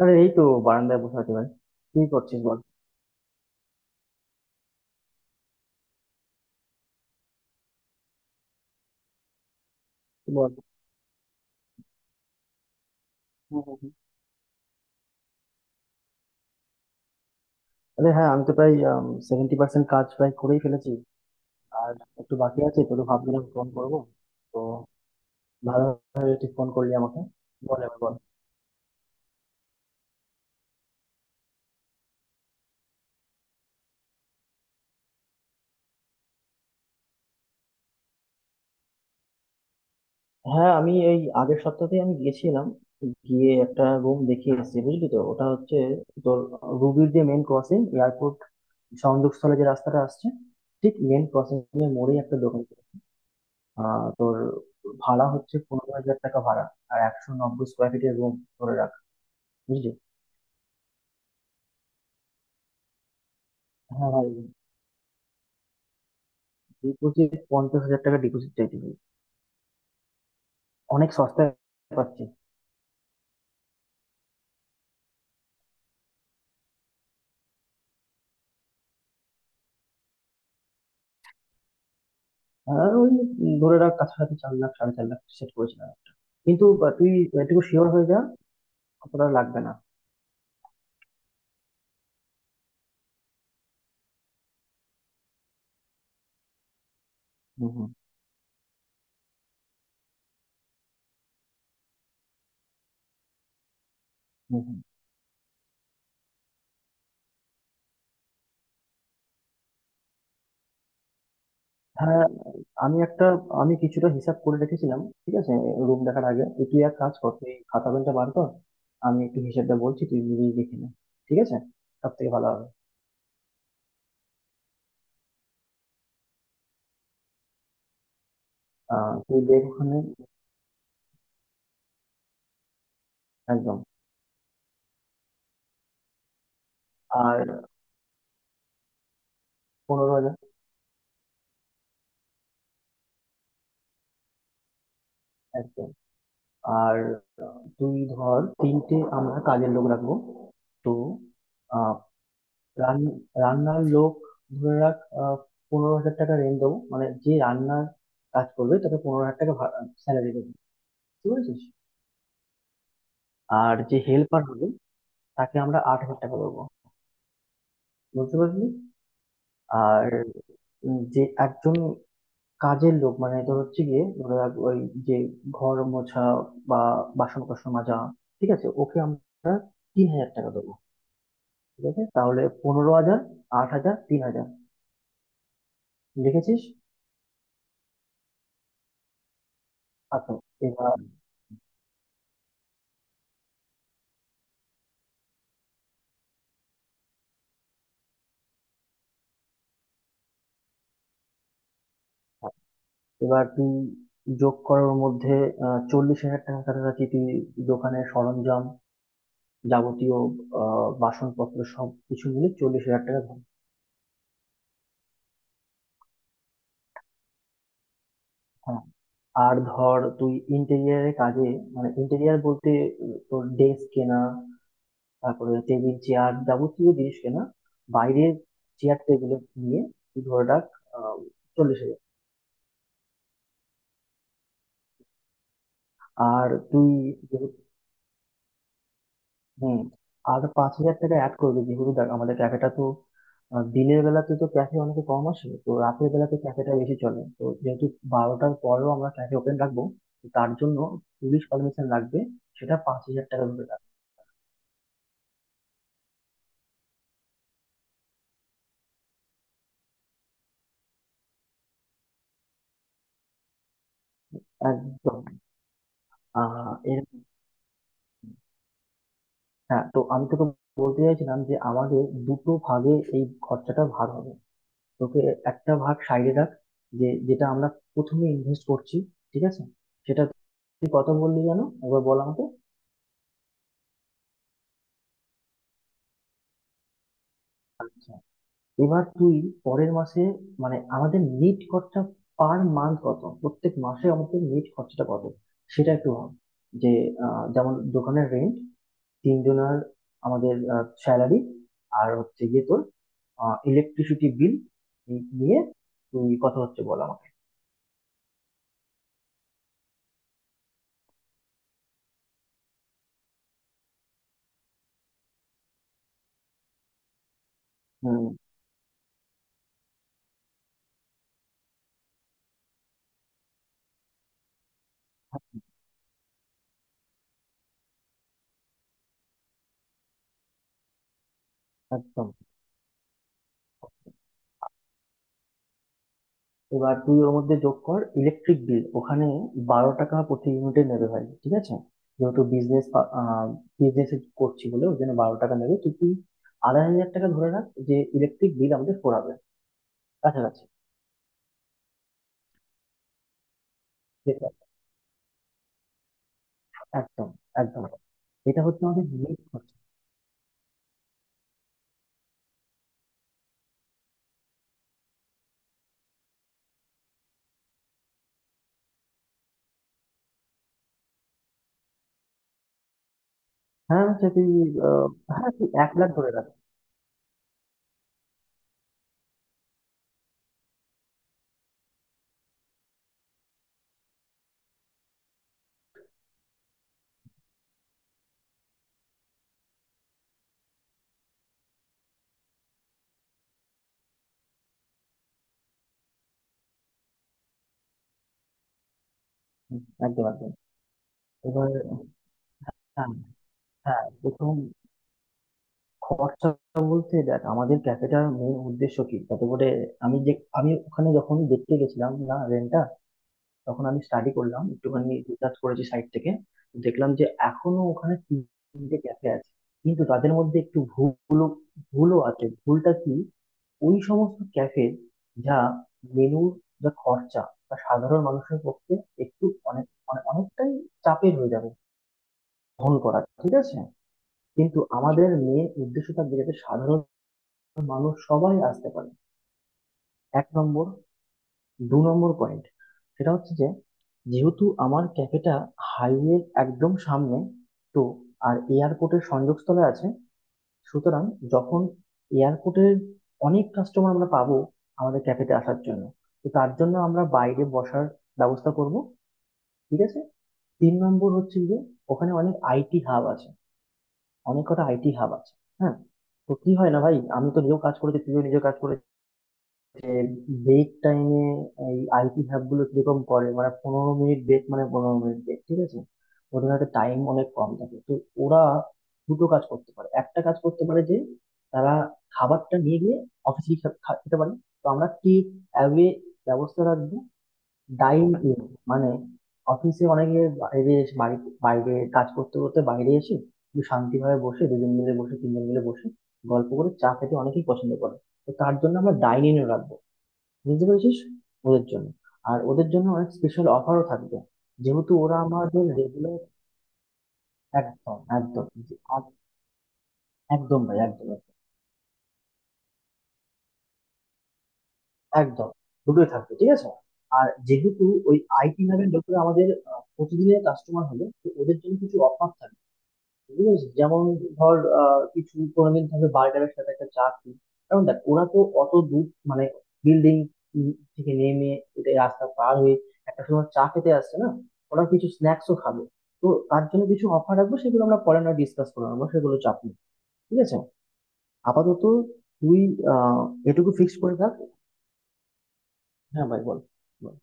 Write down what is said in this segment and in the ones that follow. আরে এই তো, বারান্দায় বসে আছি ভাই। কি করছিস বল বল। হুম, হুম, হুম। আরে হ্যাঁ, আমি তো প্রায় 70% কাজ করেই ফেলেছি। আর একটু বাকি আছে, তো ভাবছিলাম ফোন করবো। তো ভালো হয়েছে তুই ফোন করলি আমাকে। বল এবার বল। হ্যাঁ, আমি এই আগের সপ্তাহতে গিয়েছিলাম, গিয়ে একটা রুম দেখে এসেছি। বুঝলি, তো ওটা হচ্ছে তোর রুবির যে মেন ক্রসিং, এয়ারপোর্ট সংযোগস্থলে যে রাস্তাটা আসছে, ঠিক মেন ক্রসিং এর মোড়েই একটা দোকান। তোর ভাড়া হচ্ছে 15,000 টাকা ভাড়া, আর 190 স্কোয়ার ফিটের রুম ধরে রাখ। বুঝলি? হ্যাঁ ভাই, ডিপোজিট 50,000 টাকা ডিপোজিট চাইতে হবে। অনেক সস্তায় পাচ্ছি। হ্যাঁ, ওই ধরে রাখ কাছাকাছি 4,00,000, 4,50,000 সেট করেছিলাম। কিন্তু তুই এটুকু শিওর হয়ে যা কতটা লাগবে না। হুম হুম হুম, হুম। হ্যাঁ, আমি একটা আমি কিছুটা হিসাব করে রেখেছিলাম, ঠিক আছে? রুম দেখার আগে, তুই তুই এক কাজ কর, তুই খাতা পেনটা বার কর। আমি একটু হিসাবটা বলছি, তুই নিজেই দেখে নে, ঠিক আছে? সব থেকে ভালো হবে। তুই দেখ ওখানে। একদম। আর 15,000। একদম। আর তুই ধর তিনটে আমরা কাজের লোক রাখবো। তো আহ রান- রান্নার লোক ধরে রাখ। আহ, পনেরো হাজার টাকা রেন্ট দেবো, মানে যে রান্নার কাজ করবে তাকে 15,000 টাকা স্যালারি দেবো। বুঝতে পেরেছিস? আর যে হেল্পার হবে তাকে আমরা 8,000 টাকা দেবো। বুঝতে পারলি? আর যে একজন কাজের লোক, মানে তোর হচ্ছে গিয়ে ধরে রাখ ওই যে ঘর মোছা বা বাসন কোসন মাজা, ঠিক আছে? ওকে আমরা 3,000 টাকা দেবো। ঠিক আছে, তাহলে 15,000, 8,000, 3,000। লিখেছিস? আচ্ছা। এবার এবার তুই যোগ করার মধ্যে চল্লিশ হাজার টাকার কাছাকাছি, তুই দোকানের সরঞ্জাম যাবতীয় বাসনপত্র সব কিছু মিলে 40,000 টাকা ধর। হ্যাঁ। আর ধর তুই ইন্টেরিয়ারের কাজে, মানে ইন্টেরিয়ার বলতে তোর ডেস্ক কেনা, তারপরে টেবিল চেয়ার যাবতীয় জিনিস কেনা, বাইরের চেয়ার টেবিল নিয়ে তুই ধরে রাখ আহ, 40,000। আর তুই যেহেতু হম। আর 5,000 টাকা অ্যাড করবি, যেহেতু দেখ আমাদের ক্যাফেটা তো দিনের বেলাতে তো ক্যাফে অনেক কম আসে, তো রাতের বেলাতে ক্যাফেটা বেশি চলে, তো যেহেতু বারোটার পরেও আমরা ক্যাফে ওপেন রাখবো, তো তার জন্য পুলিশ পারমিশন লাগবে। সেটা 5,000 টাকা ধরে রাখ। একদম। আহ এর হ্যাঁ, তো আমি তোকে বলতে চাইছিলাম যে আমাদের দুটো ভাগে এই খরচাটা ভাগ হবে। তোকে একটা ভাগ সাইডে রাখ, যে যেটা আমরা প্রথমে ইনভেস্ট করছি, ঠিক আছে? সেটা তুই কত বললি যেন, একবার বল আমাকে। আচ্ছা, এবার তুই পরের মাসে, মানে আমাদের নেট খরচা পার মান্থ কত, প্রত্যেক মাসে আমাদের নেট খরচাটা কত, সেটা একটু ভাব। যে যেমন দোকানের রেন্ট, তিনজনের আমাদের স্যালারি, আর হচ্ছে গিয়ে তোর ইলেকট্রিসিটি বিল নিয়ে তুই কথা হচ্ছে বল আমাকে। হুম। একদম। এবার তুই ওর মধ্যে যোগ কর ইলেকট্রিক বিল। ওখানে 12 টাকা প্রতি ইউনিটে নেবে ভাই, ঠিক আছে? যেহেতু বিজনেস বিজনেস করছি বলে ওই জন্য 12 টাকা নেবে। তো তুই 2,500 টাকা ধরে রাখ যে ইলেকট্রিক বিল আমাদের পড়াবে কাছাকাছি, যেটা। একদম, একদম। এটা হচ্ছে আমাদের নেট খরচা। হ্যাঁ, সে তুই আহ, হ্যাঁ, তুই 1,00,000 ধরে রাখ। হুম, একদম একদম। এবার হ্যাঁ, হ্যাঁ। প্রথম খরচা বলতে দেখ আমাদের ক্যাফেটার মেন উদ্দেশ্য কি, যাতে করে আমি যে আমি ওখানে যখন দেখতে গেছিলাম না রেন্টটা, তখন আমি স্টাডি করলাম একটুখানি, রিসার্চ করেছি সাইট থেকে। দেখলাম যে এখনো ওখানে তিনটে ক্যাফে আছে, কিন্তু তাদের মধ্যে একটু ভুলও ভুলও আছে। ভুলটা কি, ওই সমস্ত ক্যাফে যা মেনুর যা খরচা, তা সাধারণ মানুষের পক্ষে একটু অনেক অনেক- অনেকটাই চাপের হয়ে যাবে বহন করা, ঠিক আছে? কিন্তু আমাদের মেন উদ্দেশ্য থাকবে যাতে সাধারণ মানুষ সবাই আসতে পারে। এক নম্বর। দু নম্বর পয়েন্ট সেটা হচ্ছে যে যেহেতু আমার ক্যাফেটা হাইওয়ের একদম সামনে, তো আর এয়ারপোর্টের সংযোগস্থলে আছে, সুতরাং যখন এয়ারপোর্টের অনেক কাস্টমার আমরা পাবো আমাদের ক্যাফেতে আসার জন্য, তো তার জন্য আমরা বাইরে বসার ব্যবস্থা করব, ঠিক আছে? তিন নম্বর হচ্ছে যে ওখানে অনেক আইটি হাব আছে, অনেক কটা আইটি হাব আছে। হ্যাঁ, তো কি হয় না ভাই, আমি তো নিজেও কাজ করেছি, তুইও নিজেও কাজ করেছিস। ব্রেক টাইমে এই আইটি হ্যাব গুলো কিরকম করে, মানে 15 মিনিট ব্রেক, মানে পনেরো মিনিট ব্রেক, ঠিক আছে? ওদের হাতে টাইম অনেক কম থাকে, তো ওরা দুটো কাজ করতে পারে, একটা কাজ করতে পারে যে তারা খাবারটা নিয়ে গিয়ে অফিসে খেতে পারে, তো আমরা কি অ্যাওয়ে ব্যবস্থা রাখবো, ডাইন ইন। মানে অফিসে অনেকে বাইরে এসে বাইরে কাজ করতে করতে বাইরে এসে একটু শান্তিভাবে বসে, দুজন মিলে বসে, তিনজন মিলে বসে গল্প করে চা খেতে অনেকেই পছন্দ করে। তো তার জন্য আমরা ডাইনিং রাখবো। বুঝতে পেরেছিস? ওদের জন্য, আর ওদের জন্য অনেক স্পেশাল অফারও থাকবে, যেহেতু ওরা আমাদের রেগুলার। একদম, একদম। একদম ভাই, একদম একদম একদম। দুটোই থাকবে, ঠিক আছে? আর যেহেতু ওই আইটি নামের লোকেরা আমাদের প্রতিদিনের কাস্টমার হলে, তো ওদের জন্য কিছু অফার, বুঝেছিস? যেমন ধর কিছু কোনোদিন থাকবে বার্গারের সাথে একটা চাটনি, কারণ দেখ ওরা তো অত দূর, মানে বিল্ডিং থেকে নেমে এটা রাস্তা পার হয়ে একটা সময় চা খেতে আসছে না, ওরা কিছু স্ন্যাক্সও খাবে। তো তার জন্য কিছু অফার রাখবো, সেগুলো আমরা পরে না ডিসকাস করে নেবো, সেগুলো চাপ নেই। ঠিক আছে, আপাতত তুই আহ এটুকু ফিক্স করে থাক। হ্যাঁ ভাই, বল বল।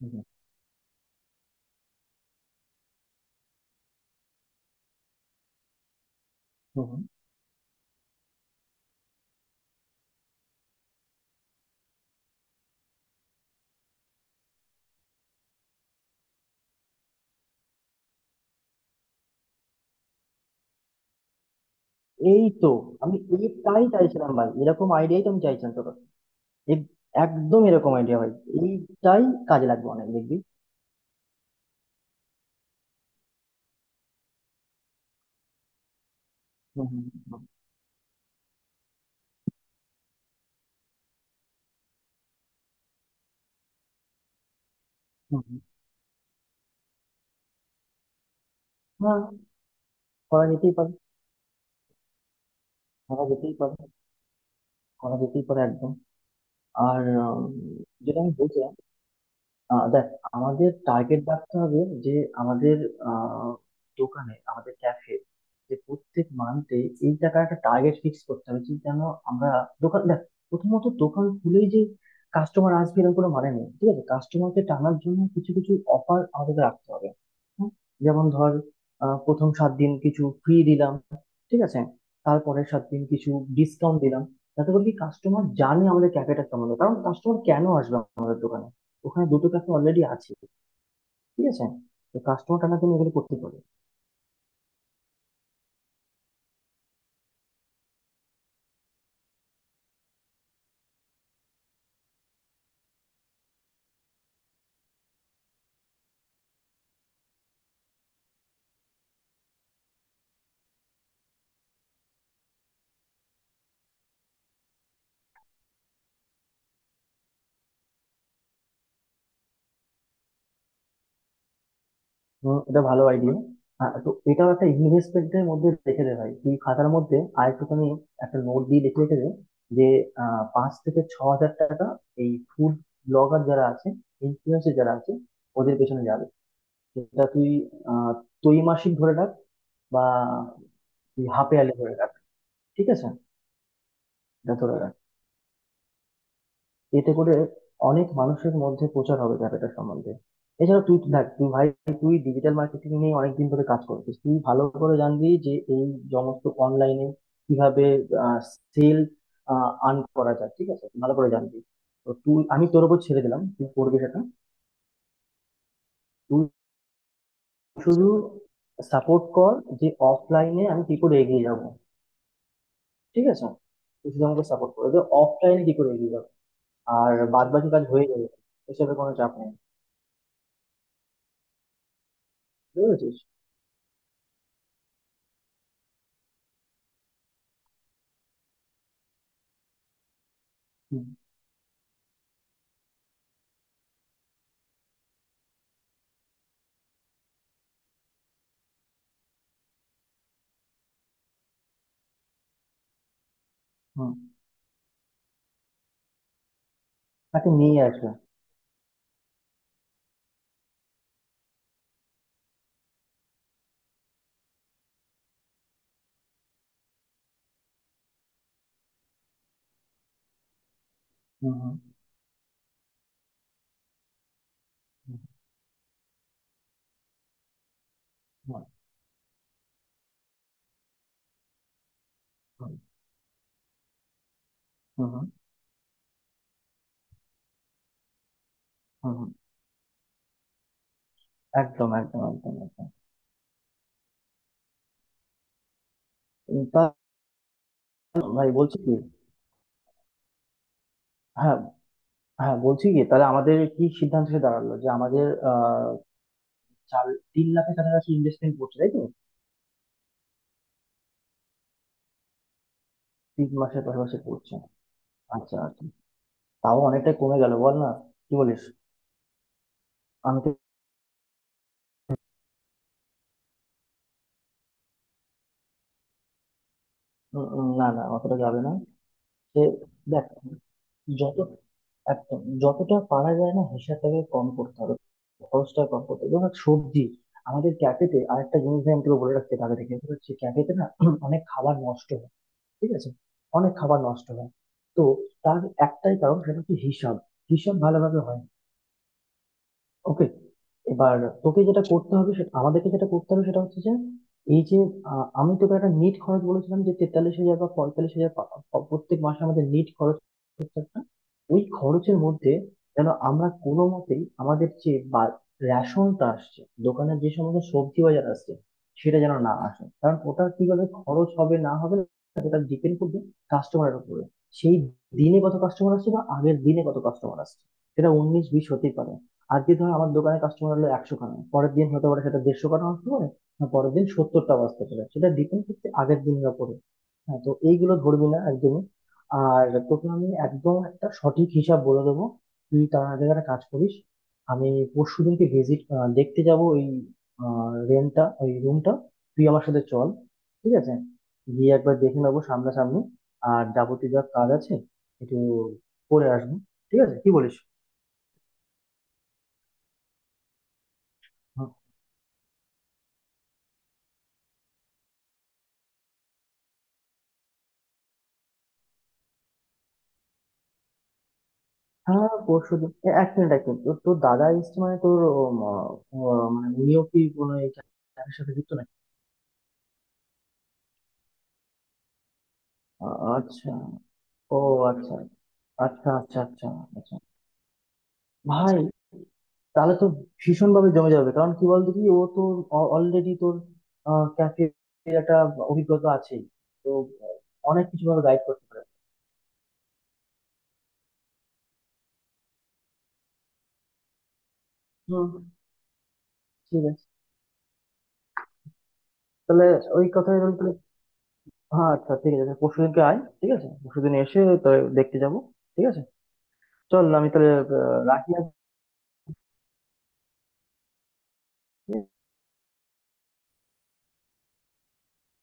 হুম, হুম, হুম, হুম। এই তো, আমি এই তাই চাইছিলাম ভাই, এরকম আইডিয়াই তো আমি চাইছিলাম। এক- একদম এরকম আইডিয়া ভাই, এইটাই কাজে লাগবে অনেক, দেখবি। হুম, হুম, হুম, হুম, হুম। হ্যাঁ, করা যেতেই পারে, করা যেতেই পারে, করা যেতেই পারে একদম। আর উম, যেটা আমি বলছিলাম, দেখ আমাদের টার্গেট রাখতে হবে যে আমাদের আহ, দোকানে আমাদের ক্যাফে যে প্রত্যেক মান্থে এই টাকার একটা টার্গেট ফিক্স করতে হবে যে যেন আমরা, দোকান দেখ, প্রথমত দোকান খুলেই যে কাস্টমার আসবে এরকম কোনো মানে নেই, ঠিক আছে? কাস্টমারকে টানার জন্য কিছু কিছু অফার আমাদের রাখতে হবে। হুম, যেমন ধর প্রথম সাত দিন কিছু ফ্রি দিলাম, ঠিক আছে? তারপরের সাত দিন কিছু ডিসকাউন্ট দিলাম, যাতে করে কি কাস্টমার জানে আমাদের ক্যাফেটা কেমন, কারণ কাস্টমার কেন আসবে আমাদের দোকানে, ওখানে দুটো ক্যাফে অলরেডি আছে, ঠিক আছে? তো কাস্টমার টানা, তুমি এগুলো করতে পারো। হুম, এটা ভালো আইডিয়া। তো এটাও একটা ইনভেস্টমেন্টের মধ্যে রেখে দে ভাই, তুই খাতার মধ্যে আর একটুখানি একটা নোট দিয়ে লিখে রেখে দে যে 5 থেকে 6 হাজার টাকা এই ফুড ব্লগার যারা আছে, ইনফ্লুয়েন্সার যারা আছে, ওদের পেছনে যাবে। সেটা তুই আহ ত্রৈমাসিক ধরে রাখ বা তুই হাফ ইয়ারলি ধরে রাখ, ঠিক আছে? এটা ধরে রাখ, এতে করে অনেক মানুষের মধ্যে প্রচার হবে ব্যাপারটা সম্বন্ধে। এছাড়া তুই দেখ তুই ভাই, তুই ডিজিটাল মার্কেটিং নিয়ে অনেকদিন ধরে কাজ করছিস, তুই ভালো করে জানবি যে এই সমস্ত অনলাইনে কিভাবে সেল আর্ন করা যায়, ঠিক আছে? ভালো করে জানবি। তো তুই, আমি তোর উপর ছেড়ে দিলাম, তুই করবি সেটা। তুই শুধু সাপোর্ট কর যে অফলাইনে আমি কি করে এগিয়ে যাব, ঠিক আছে? তুই শুধু আমাকে সাপোর্ট কর যে অফলাইনে কি করে এগিয়ে যাবো, আর বাদ বাকি কাজ হয়ে যাবে, এসবের কোনো চাপ নেই। বুঝতে পেরেছিস? হুম। তাকে নিয়ে আসবে। হুম, হুম, হুম, হুম, হুম, হুম, হুম, হুম। একদম একদম একদম একদম। তা ভাই বলছি কি, হ্যাঁ হ্যাঁ, বলছি কি তাহলে আমাদের কি সিদ্ধান্ত এসে দাঁড়ালো, যে আমাদের আহ চার 3 লাখের কাছাকাছি ইনভেস্টমেন্ট করছে, তাই তো? তিন মাসের পাশাপাশি করছে। আচ্ছা আচ্ছা, তাও অনেকটাই কমে গেল বল না, কি বলিস? আমি তো উম, উম, না না, অতটা যাবে না। সে দেখ, যত একদম যতটা পারা যায় না হিসাবটাকে কম করতে হবে, খরচটা কম করতে হবে, যেমন সবজি। আমাদের ক্যাফেতে আরেকটা জিনিস আমি তোকে বলে রাখতে হবে আগে থেকে, সেটা হচ্ছে ক্যাফেতে না অনেক খাবার নষ্ট হয়, ঠিক আছে? অনেক খাবার নষ্ট হয়। তো তার একটাই কারণ, সেটা হচ্ছে হিসাব, হিসাব ভালোভাবে হয় না। ওকে, এবার তোকে যেটা করতে হবে, সেটা আমাদেরকে যেটা করতে হবে, সেটা হচ্ছে যে এই যে আমি তোকে একটা নিট খরচ বলেছিলাম যে 43,000 বা 45,000 পা- পা- প্রত্যেক মাসে আমাদের নিট খরচ হচ্ছে একটা, ওই খরচের মধ্যে যেন আমরা কোনো মতেই আমাদের যে রেশনটা আসছে, দোকানের যে সমস্ত সবজি বাজার আসছে সেটা যেন না আসে, কারণ ওটা কিভাবে খরচ হবে না হবে সেটা ডিপেন্ড করবে কাস্টমারের উপরে। সেই দিনে কত কাস্টমার আসছে বা আগের দিনে কত কাস্টমার আসছে, সেটা উনিশ বিশ হতেই পারে। আজকে ধর আমার দোকানে কাস্টমার হলো 100 খানা, পরের দিন হতে পারে সেটা 150 খানা আসতে পারে, না পরের দিন 70টা আসতে পারে, সেটা ডিপেন্ড করছে আগের দিনের ওপরে। হ্যাঁ, তো এইগুলো ধরবি না একদমই। আর তোকে আমি একদম একটা সঠিক হিসাব বলে দেবো। তুই তার আগে একটা কাজ করিস, আমি পরশু দিনকে ভিজিট, দেখতে যাব ওই রেন্টটা, ওই রুমটা, তুই আমার সাথে চল, ঠিক আছে? গিয়ে একবার দেখে নেবো সামনাসামনি, আর যাবতীয় যা কাজ আছে একটু করে আসবো, ঠিক আছে? কি বলিস? হ্যাঁ, পরশু দিন। এক মিনিট, এক মিনিট, তোর তোর দাদা এসছে মানে তোর, মানে উনিও কি কোনো এই খেলার সাথে যুক্ত নাকি? আচ্ছা, ও, আচ্ছা আচ্ছা আচ্ছা আচ্ছা আচ্ছা। ভাই, তাহলে তো ভীষণ ভাবে জমে যাবে, কারণ কি বলতো, কি ও তো অলরেডি তোর ক্যাফে একটা অভিজ্ঞতা আছে, তো আহ, অনেক কিছু ভাবে গাইড করতে পারে। হুম, ঠিক আছে। তাহলে ওই কথাই রইল তাহলে। হ্যাঁ আচ্ছা, ঠিক আছে, পরশু দিনকে আয়, ঠিক আছে? পরশু দিন এসে তো দেখতে যাবো, ঠিক আছে? চল, আমি তাহলে রাখি আজকে।